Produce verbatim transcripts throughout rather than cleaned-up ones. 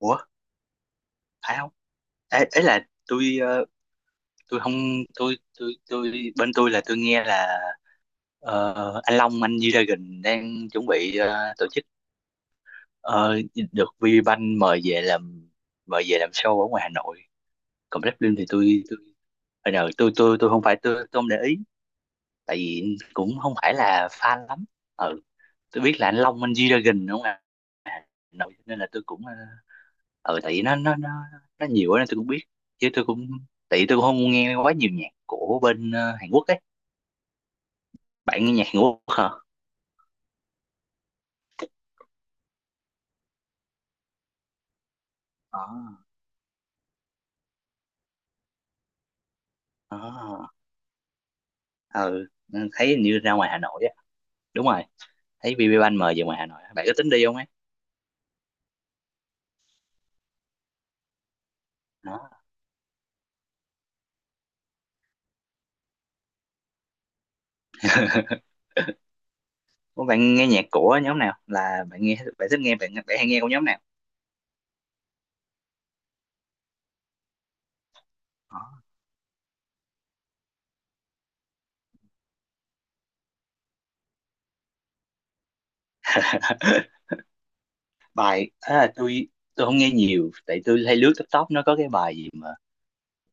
ủa Phải không? Ấy, ấy là tôi ờ, tôi không, tôi tôi tôi bên tôi là tôi nghe là ờ, anh Long anh G-Dragon đang chuẩn bị ờ, tổ chức, ờ, được VPBank mời về làm, mời về làm show ở ngoài Hà Nội. Còn Blackpink thì tôi tôi hồi nào tôi tôi tôi không phải, tôi tôi không để ý tại vì cũng không phải là fan lắm. Ừ, tôi biết là anh Long anh G-Dragon đúng không ạ? À, Nội nên là tôi cũng, ờ, ừ tại vì nó nó nó nó nhiều á nên tôi cũng biết, chứ tôi cũng, tại vì tôi cũng không nghe quá nhiều nhạc của bên ờ, Hàn Quốc ấy. Bạn nghe nhạc Hàn Quốc hả? Ờ, à, ừ thấy hình như ra ngoài Hà Nội á. Đúng rồi, thấy bê bê Ban mời về ngoài Hà Nội á. Bạn có tính đi không ấy? Đó. Ủa, bạn nghe nhạc của nhóm nào, là bạn nghe bạn thích nghe bạn bạn hay nghe của nhóm nào? Đó. Bài à, tôi tôi không nghe nhiều tại tôi hay lướt TikTok, nó có cái bài gì mà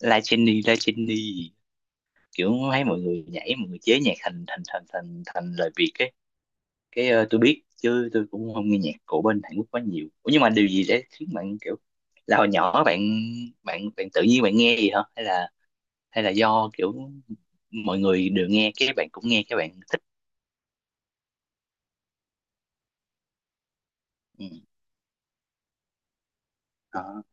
La Jenny La Jenny, kiểu thấy mọi người nhảy, mọi người chế nhạc thành thành thành thành thành lời Việt ấy. Cái ờ, tôi biết chứ tôi cũng không nghe nhạc của bên Hàn Quốc quá nhiều. Ủa, nhưng mà điều gì để khiến bạn kiểu, là hồi nhỏ bạn, bạn bạn tự nhiên bạn nghe gì hả, hay là, hay là do kiểu mọi người đều nghe cái bạn cũng nghe cái bạn thích? Ừ. Đó.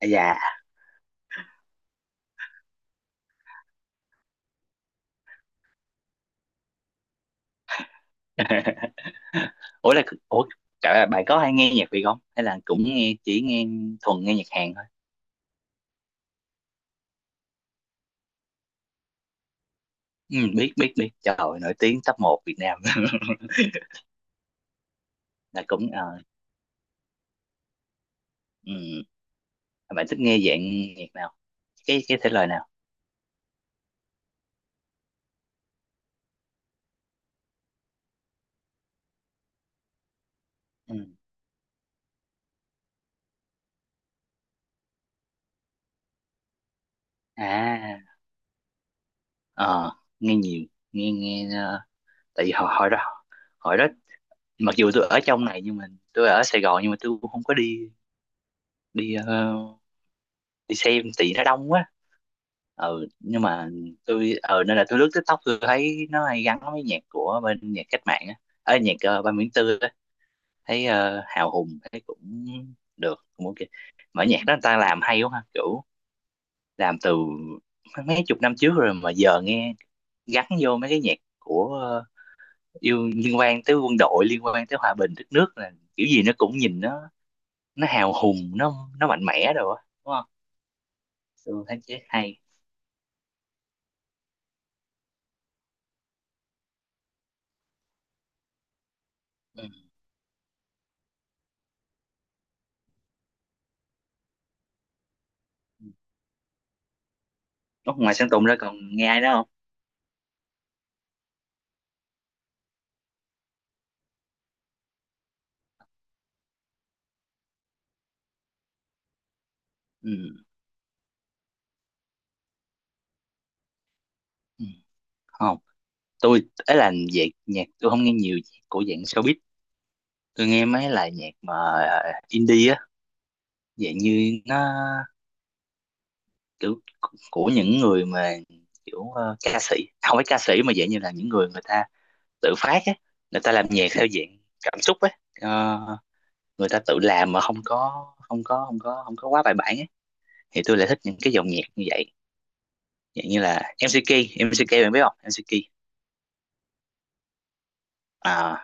À, dạ. Ủa là, ủa cả bạn có hay nghe nhạc Việt không, hay là cũng nghe, chỉ nghe thuần nghe nhạc Hàn thôi? Ừ, biết biết biết, trời ơi, nổi tiếng top một Việt Nam. Là cũng ờ, ừ. Bạn thích nghe dạng nhạc nào, cái cái thể loại nào? Ừ. À ờ, nghe nhiều, nghe nghe, ờ, tại vì hồi, hồi đó hồi đó mặc dù tôi ở trong này, nhưng mà tôi ở Sài Gòn, nhưng mà tôi cũng không có đi, đi ờ, đi xem tại vì nó đông quá. Ừ nhưng mà tôi ờ, nên là tôi lướt TikTok tôi thấy nó hay gắn với nhạc của bên nhạc cách mạng á, ở nhạc ờ, ba Nguyễn Tư á, thấy ờ, hào hùng, thấy cũng được, cũng ok. Mà nhạc đó người ta làm hay quá ha, kiểu làm từ mấy chục năm trước rồi mà giờ nghe gắn vô mấy cái nhạc của ờ, yêu, liên quan tới quân đội, liên quan tới hòa bình đất nước là kiểu gì nó cũng nhìn nó, nó hào hùng nó nó mạnh mẽ rồi á đúng không. Tôi thấy chế hay. Ừ. Ủa, ngoài Sơn Tùng ra còn nghe ai đó không? Ừ. Ừ. Không, tôi ấy là về nhạc tôi không nghe nhiều nhạc của dạng showbiz. Tôi nghe mấy là nhạc mà ờ, indie á, dạng như nó kiểu của những người mà kiểu ờ, ca sĩ, không phải ca sĩ mà dạng như là những người, người ta tự phát á, người ta làm nhạc theo dạng cảm xúc á. Ờ, người ta tự làm mà không có không có không có không có quá bài bản á, thì tôi lại thích những cái dòng nhạc như vậy. Dạng như là em xê ca, em xê ca bạn biết không, em xê ca? À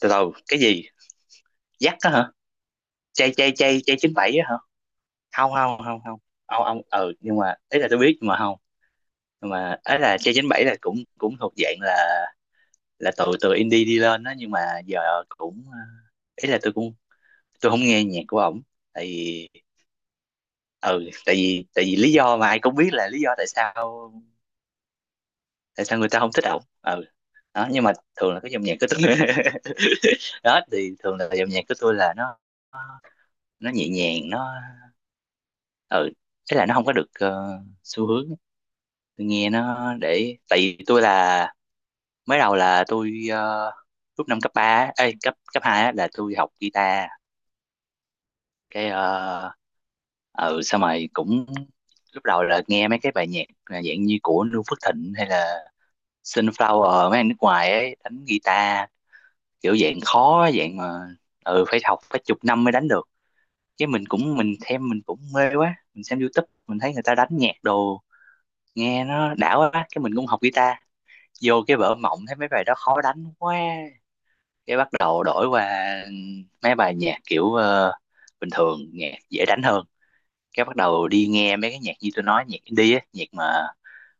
từ đầu cái gì dắt đó hả? Chay chay chay chay chín bảy á hả? Không không không không ông ông, ừ nhưng mà ấy là tôi biết nhưng mà không, nhưng mà ấy là chay chín bảy là cũng cũng thuộc dạng là là từ từ indie đi lên đó, nhưng mà giờ cũng ờ, ý là tôi cũng, tôi không nghe nhạc của ổng tại vì, ừ tại vì tại vì lý do mà ai cũng biết là lý do tại sao, tại sao người ta không thích ổng. Ừ, đó nhưng mà thường là cái dòng nhạc của tôi, đó thì thường là dòng nhạc của tôi là nó nó nhẹ nhàng, nó, ừ thế là nó không có được ờ, xu hướng. Tôi nghe nó để tại vì tôi là, mới đầu là tôi ờ, lúc năm cấp ba ấy, cấp cấp hai á, là tôi học guitar. Cái ờ, ừ xong rồi cũng, lúc đầu là nghe mấy cái bài nhạc là dạng như của Noo Phước Thịnh hay là Sunflower, mấy anh nước ngoài ấy đánh guitar, kiểu dạng khó, dạng mà, ừ phải học phải chục năm mới đánh được. Chứ mình cũng mình thêm, mình cũng mê quá, mình xem YouTube mình thấy người ta đánh nhạc đồ nghe nó đã quá, cái mình cũng học guitar. Vô cái vở mộng thấy mấy bài đó khó đánh quá, cái bắt đầu đổi qua mấy bài nhạc kiểu ờ, bình thường, nhạc dễ đánh hơn. Cái bắt đầu đi nghe mấy cái nhạc như tôi nói, nhạc indie á, nhạc mà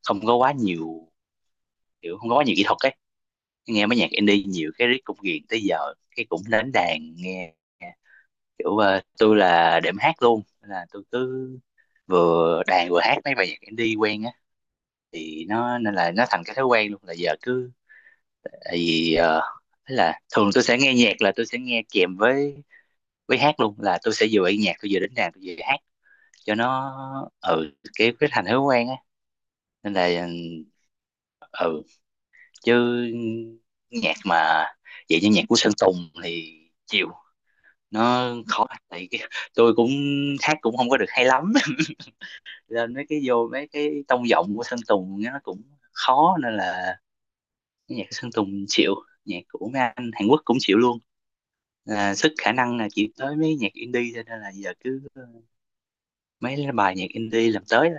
không có quá nhiều, kiểu không có quá nhiều kỹ thuật ấy. Nghe mấy nhạc indie nhiều cái riết cũng ghiền tới giờ, cái cũng đến đàn nghe kiểu ờ, tôi là đệm hát luôn. Nên là tôi cứ vừa đàn vừa hát mấy bài nhạc indie quen á, thì nó nên là nó thành cái thói quen luôn, là giờ cứ, tại vì ờ, thế là thường tôi sẽ nghe nhạc là tôi sẽ nghe kèm với với hát luôn, là tôi sẽ vừa nghe nhạc tôi vừa đến đàn tôi vừa hát cho nó, ừ cái cái thành thói quen á, nên là ừ, chứ nhạc mà vậy như nhạc của Sơn Tùng thì chịu, nó khó tại cái, tôi cũng hát cũng không có được hay lắm. Nên mấy cái vô mấy cái tông giọng của Sơn Tùng nó cũng khó, nên là cái nhạc của Sơn Tùng chịu, nhạc của mấy anh Hàn Quốc cũng chịu luôn. À, sức khả năng là chỉ tới mấy nhạc indie thôi, nên là giờ cứ mấy cái bài nhạc indie làm tới thôi.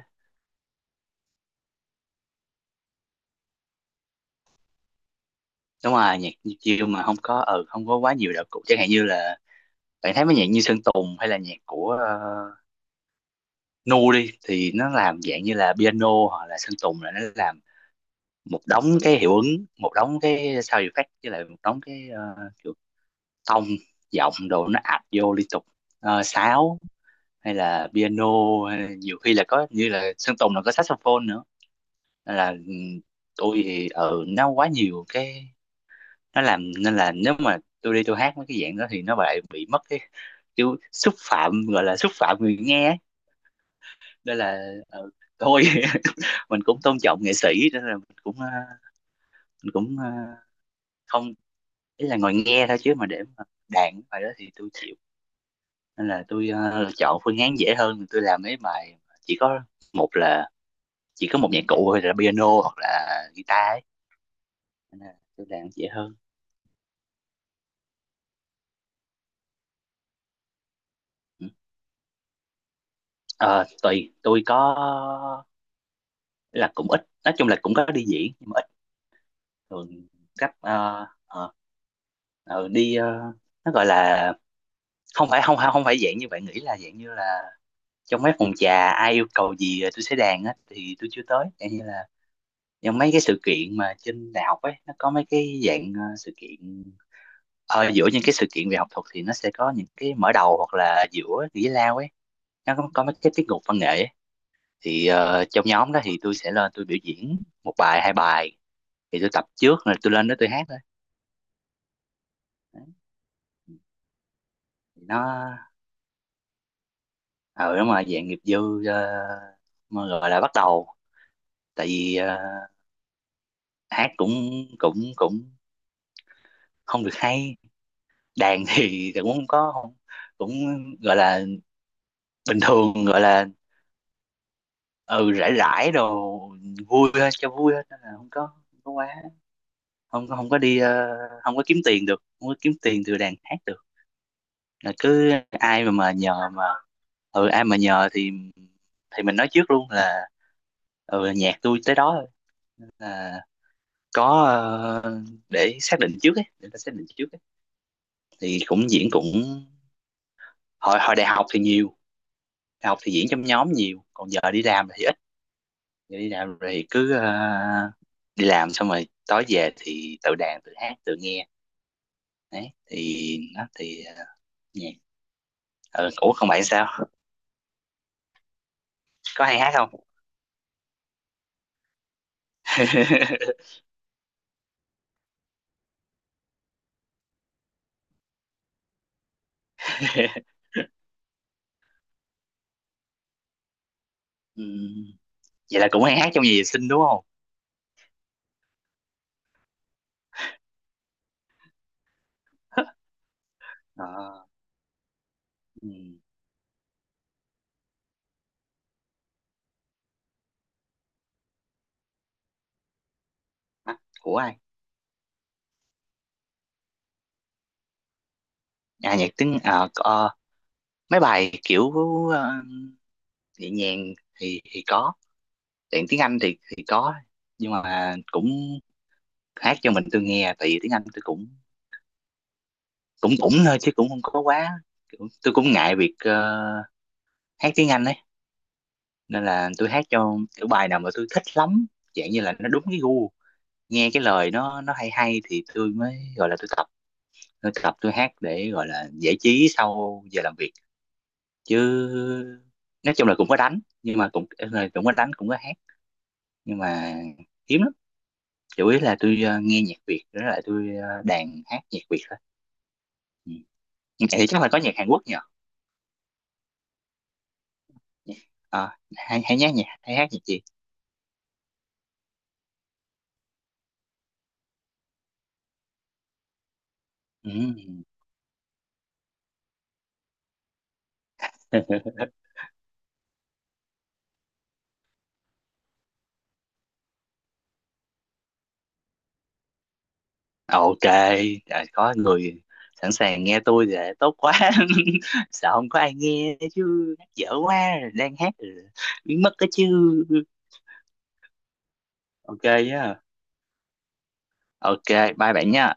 Đúng rồi, nhạc chiêu mà không có, ừ không có quá nhiều đạo cụ, chẳng hạn như là bạn thấy mấy nhạc như Sơn Tùng hay là nhạc của uh, Nu đi thì nó làm dạng như là piano, hoặc là Sơn Tùng là nó làm một đống cái hiệu ứng, một đống cái sound effect, với lại một đống cái uh, kiểu tông giọng đồ nó ập vô liên tục, uh, sáo, hay là piano, hay là nhiều khi là có như là Sơn Tùng là có saxophone nữa. Nên là ừ, tôi thì ở nó quá nhiều cái nó làm, nên là nếu mà tôi đi tôi hát mấy cái dạng đó thì nó lại bị mất cái kiểu xúc phạm, gọi là xúc phạm người nghe, nên là ờ, thôi. Mình cũng tôn trọng nghệ sĩ nên là mình cũng ờ, mình cũng ờ, không, ý là ngồi nghe thôi chứ mà để mà đạn bài đó thì tôi chịu, nên là tôi ờ, chọn phương án dễ hơn, tôi làm mấy bài chỉ có một là, chỉ có một nhạc cụ thôi là piano hoặc là guitar ấy. Nên là tôi làm dễ hơn. Ừ. Ờ, tùy tôi có, là cũng ít, nói chung là cũng có đi diễn nhưng mà ít, thường cách ờ, ờ, ờ, đi ờ, nó gọi là không phải, không không phải dạng như bạn nghĩ là dạng như là trong mấy phòng trà ai yêu cầu gì ờ, tôi sẽ đàn á thì tôi chưa tới. Dạng như là trong mấy cái sự kiện mà trên đại học ấy, nó có mấy cái dạng ờ, sự kiện ở giữa những cái sự kiện về học thuật, thì nó sẽ có những cái mở đầu hoặc là giữa giải lao ấy, nó có, có mấy cái tiết mục văn nghệ ấy. Thì ờ, trong nhóm đó thì tôi sẽ lên tôi biểu diễn một bài hai bài, thì tôi tập trước rồi tôi lên đó tôi hát thôi. Đấy. Thì nó ờ, đúng rồi, dạng nghiệp dư, ờ, mà gọi là bắt đầu, tại vì ờ, hát cũng cũng cũng không được hay, đàn thì cũng không có không, cũng gọi là bình thường, gọi là ừ rải rải đồ vui thôi, cho vui thôi, nên là không có không có quá, không, không có đi ờ, không có kiếm tiền được, không có kiếm tiền từ đàn hát được, là cứ ai mà mà nhờ mà, ừ ai mà nhờ thì thì mình nói trước luôn là ừ nhạc tôi tới đó thôi. Nên là có ờ, để xác định trước ấy, để ta xác định trước ấy. Thì cũng diễn cũng hồi hồi đại học thì nhiều, học thì diễn trong nhóm nhiều, còn giờ đi làm thì ít. Giờ đi làm thì cứ ờ, đi làm xong rồi tối về thì tự đàn tự hát tự nghe, đấy thì nó thì ờ, nhạc. Ừ, ủa còn bạn sao, có hay hát không? Ừ, vậy là cũng hay hát trong nhà vệ sinh đúng không? Ờ, ừ. Hả? Của ai? À nhạc tiếng, à có- ờ, mấy bài kiểu ờ, nhẹ nhàng thì thì có, tiếng tiếng Anh thì thì có, nhưng mà cũng hát cho mình tôi nghe, tại vì tiếng Anh tôi cũng cũng cũng thôi, chứ cũng không có quá kiểu, tôi cũng ngại việc ờ, hát tiếng Anh ấy. Nên là tôi hát cho kiểu bài nào mà tôi thích lắm, dạng như là nó đúng cái gu, nghe cái lời nó nó hay hay thì tôi mới gọi là tôi tập, tôi tập tôi hát để gọi là giải trí sau giờ làm việc, chứ nói chung là cũng có đánh nhưng mà cũng, cũng có đánh cũng có hát, nhưng mà hiếm lắm. Chủ yếu là tôi ờ, nghe nhạc Việt rồi lại tôi ờ, đàn hát nhạc Việt thôi. Ừ. Thì chắc là có nhạc Hàn Quốc nhờ. À, hay hay nhá, nhạc hay hát nhạc gì? Ừm. Ok, à, có người sẵn sàng nghe tôi thì tốt quá. Sợ không có ai nghe chứ hát dở quá, đang hát rồi biến mất cái chứ. Ok nhá. Ok, bye bạn nha.